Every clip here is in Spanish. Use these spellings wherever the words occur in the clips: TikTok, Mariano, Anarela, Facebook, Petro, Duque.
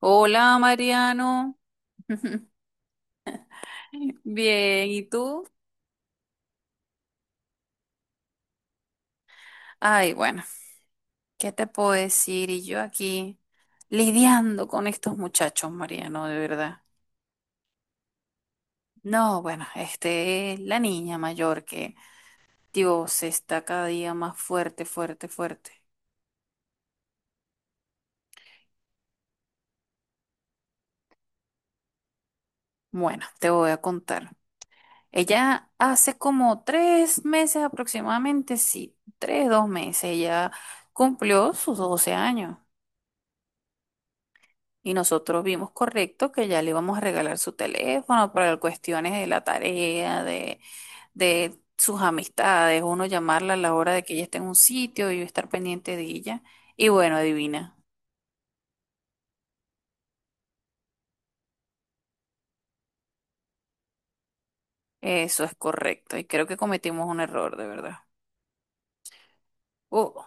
Hola, Mariano. Bien, ¿y tú? Ay, bueno, ¿qué te puedo decir? Y yo aquí lidiando con estos muchachos, Mariano, de verdad. No, bueno, este es la niña mayor que, Dios, está cada día más fuerte, fuerte, fuerte. Bueno, te voy a contar. Ella hace como tres meses aproximadamente, sí, tres, dos meses, ella cumplió sus 12 años. Y nosotros vimos correcto que ya le íbamos a regalar su teléfono para cuestiones de la tarea, de sus amistades, uno llamarla a la hora de que ella esté en un sitio y yo estar pendiente de ella. Y bueno, adivina, eso es correcto. Y creo que cometimos un error, de verdad. O,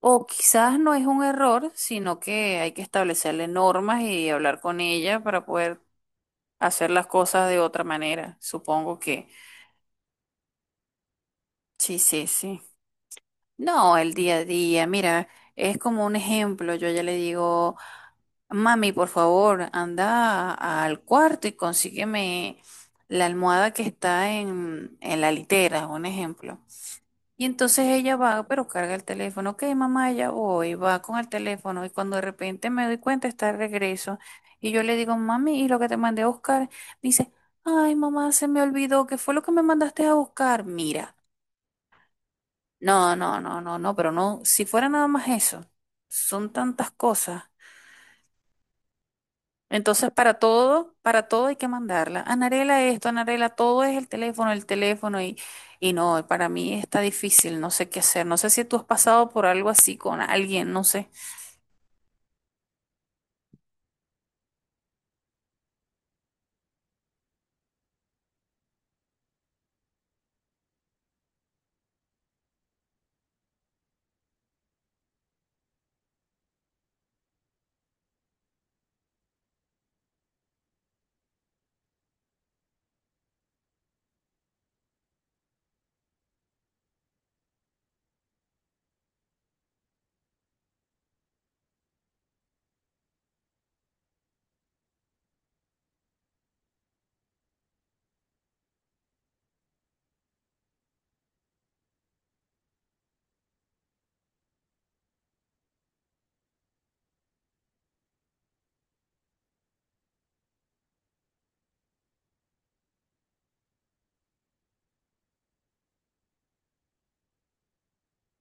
o quizás no es un error, sino que hay que establecerle normas y hablar con ella para poder hacer las cosas de otra manera. Supongo que sí, sí, sí. No, el día a día, mira, es como un ejemplo. Yo ya le digo, mami, por favor, al cuarto y consígueme la almohada que está en la litera, un ejemplo. Y entonces ella va, pero carga el teléfono. Ok, mamá, ya voy, va con el teléfono. Y cuando de repente me doy cuenta, está de regreso. Y yo le digo, mami, ¿y lo que te mandé a buscar? Dice, ay, mamá, se me olvidó. ¿Qué fue lo que me mandaste a buscar? Mira. No, no, no, no, no, pero no, si fuera nada más eso, son tantas cosas. Entonces, para todo hay que mandarla. Anarela esto, Anarela, todo es el teléfono y no, para mí está difícil, no sé qué hacer. No sé si tú has pasado por algo así con alguien, no sé.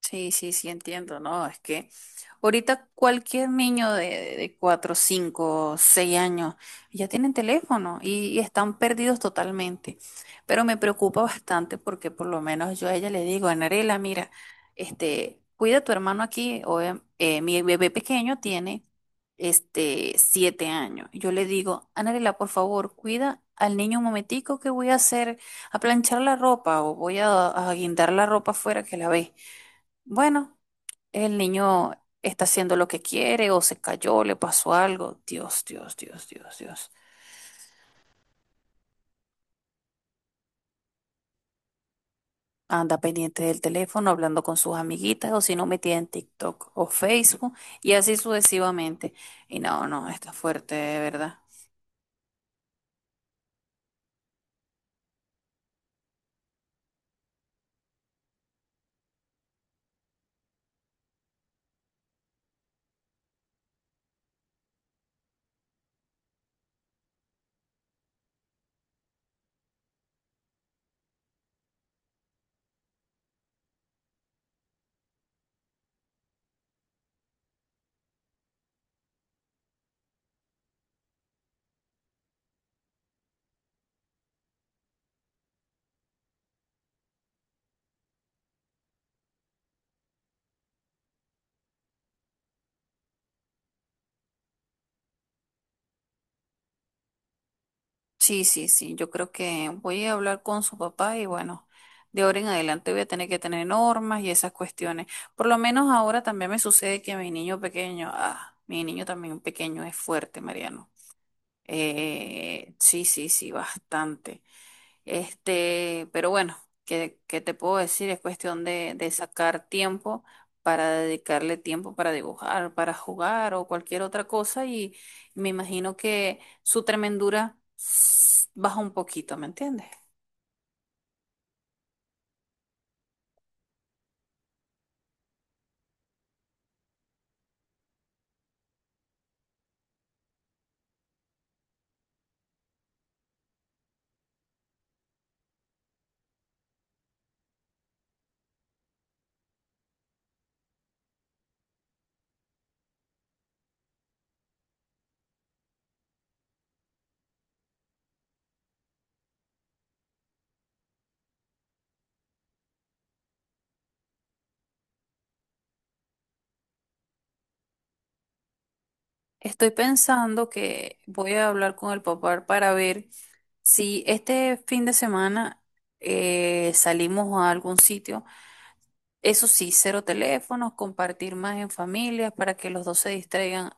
Sí, sí, sí, entiendo, ¿no? Es que ahorita cualquier niño de 4, 5, 6 años ya tienen teléfono y están perdidos totalmente. Pero me preocupa bastante porque por lo menos yo a ella le digo, Anarela, mira, este, cuida a tu hermano aquí. O, mi bebé pequeño tiene este, 7 años. Yo le digo, Anarela, por favor, cuida al niño un momentico que voy a hacer, a planchar la ropa o voy a guindar la ropa afuera que la ve. Bueno, el niño está haciendo lo que quiere o se cayó, le pasó algo. Dios, Dios, Dios, Dios, Dios. Anda pendiente del teléfono, hablando con sus amiguitas o si no metida en TikTok o Facebook y así sucesivamente. Y no, no, está fuerte, de verdad. Sí, sí, sí, yo creo que voy a hablar con su papá y bueno, de ahora en adelante voy a tener que tener normas y esas cuestiones. Por lo menos ahora también me sucede que mi niño pequeño, ah, mi niño también pequeño es fuerte, Mariano. Sí, sí, sí, bastante. Este, pero bueno, ¿qué te puedo decir? Es cuestión de sacar tiempo para dedicarle tiempo para dibujar, para jugar o cualquier otra cosa y me imagino que su tremendura baja un poquito, ¿me entiendes? Estoy pensando que voy a hablar con el papá para ver si este fin de semana salimos a algún sitio. Eso sí, cero teléfonos, compartir más en familias para que los dos se distraigan.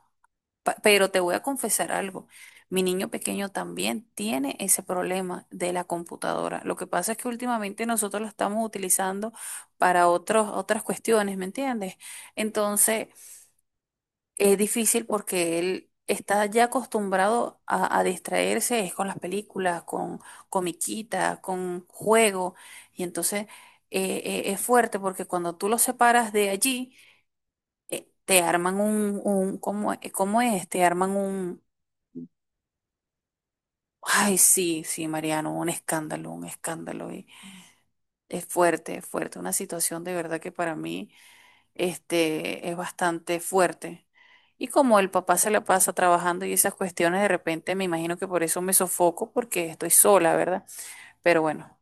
Pero te voy a confesar algo. Mi niño pequeño también tiene ese problema de la computadora. Lo que pasa es que últimamente nosotros la estamos utilizando para otras cuestiones, ¿me entiendes? Entonces, es difícil porque él está ya acostumbrado a distraerse, es con las películas, con comiquita, con juego. Y entonces es fuerte porque cuando tú lo separas de allí, te arman un ¿cómo, es? ¿Cómo es? Te arman un, ay, sí, sí, Mariano, un escándalo, un escándalo. Y es fuerte, una situación de verdad que para mí, este, es bastante fuerte. Y como el papá se la pasa trabajando y esas cuestiones, de repente me imagino que por eso me sofoco, porque estoy sola, ¿verdad? Pero bueno,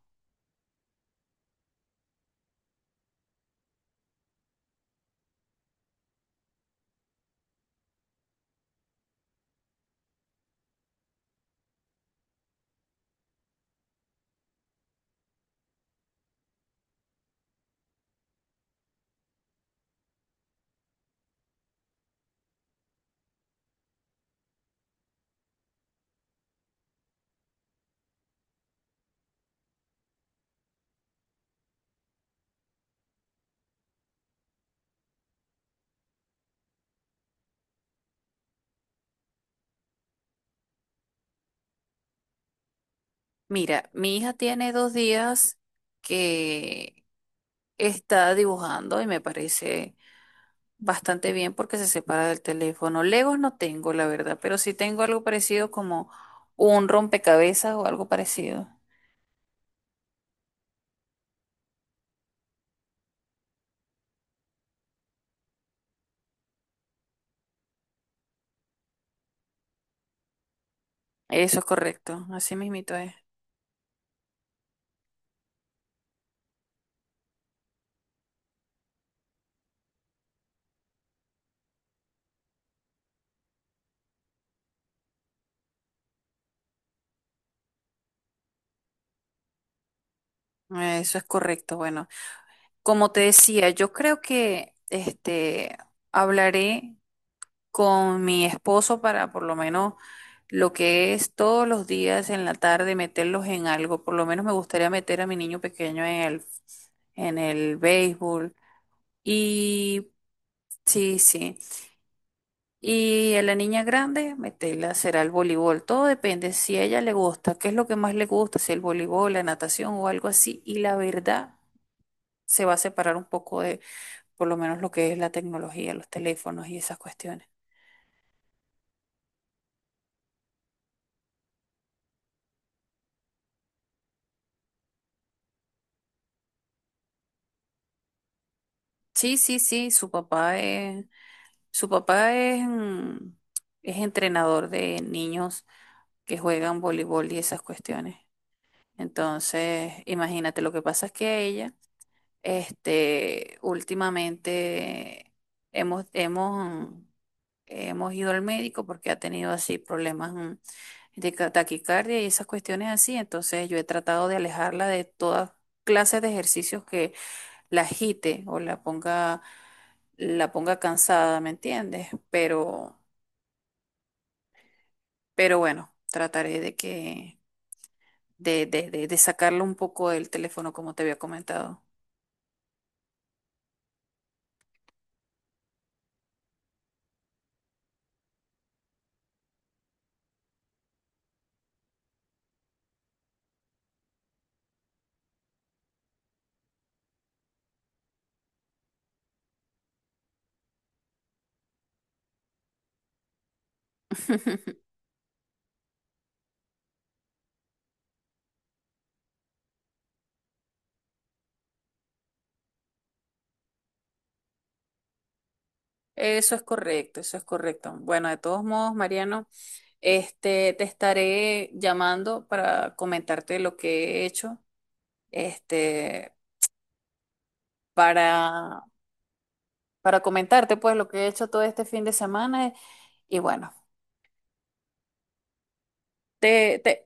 mira, mi hija tiene dos días que está dibujando y me parece bastante bien porque se separa del teléfono. Legos no tengo, la verdad, pero sí tengo algo parecido como un rompecabezas o algo parecido. Eso es correcto, así mismito es. Eso es correcto. Bueno. Como te decía, yo creo que este hablaré con mi esposo para por lo menos lo que es todos los días en la tarde meterlos en algo. Por lo menos me gustaría meter a mi niño pequeño en el béisbol y sí, sí. Y a la niña grande meterla será el voleibol. Todo depende si a ella le gusta, qué es lo que más le gusta, si el voleibol, la natación o algo así. Y la verdad se va a separar un poco de por lo menos lo que es la tecnología, los teléfonos y esas cuestiones. Sí, sí, sí, su papá es, es entrenador de niños que juegan voleibol y esas cuestiones. Entonces, imagínate, lo que pasa es que ella, este, últimamente hemos, hemos, mm, hemos ido al médico porque ha tenido así problemas de taquicardia y esas cuestiones así. Entonces, yo he tratado de alejarla de todas clases de ejercicios que la agite o la ponga cansada, ¿me entiendes? Pero bueno, trataré de que, de sacarlo un poco del teléfono, como te había comentado. Eso es correcto, eso es correcto. Bueno, de todos modos, Mariano, este, te estaré llamando para comentarte lo que he hecho, este, para, para comentarte pues lo que he hecho todo este fin de semana y bueno, te, te-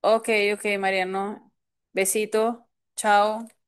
Ok, ok, Mariano. Besito. Chao.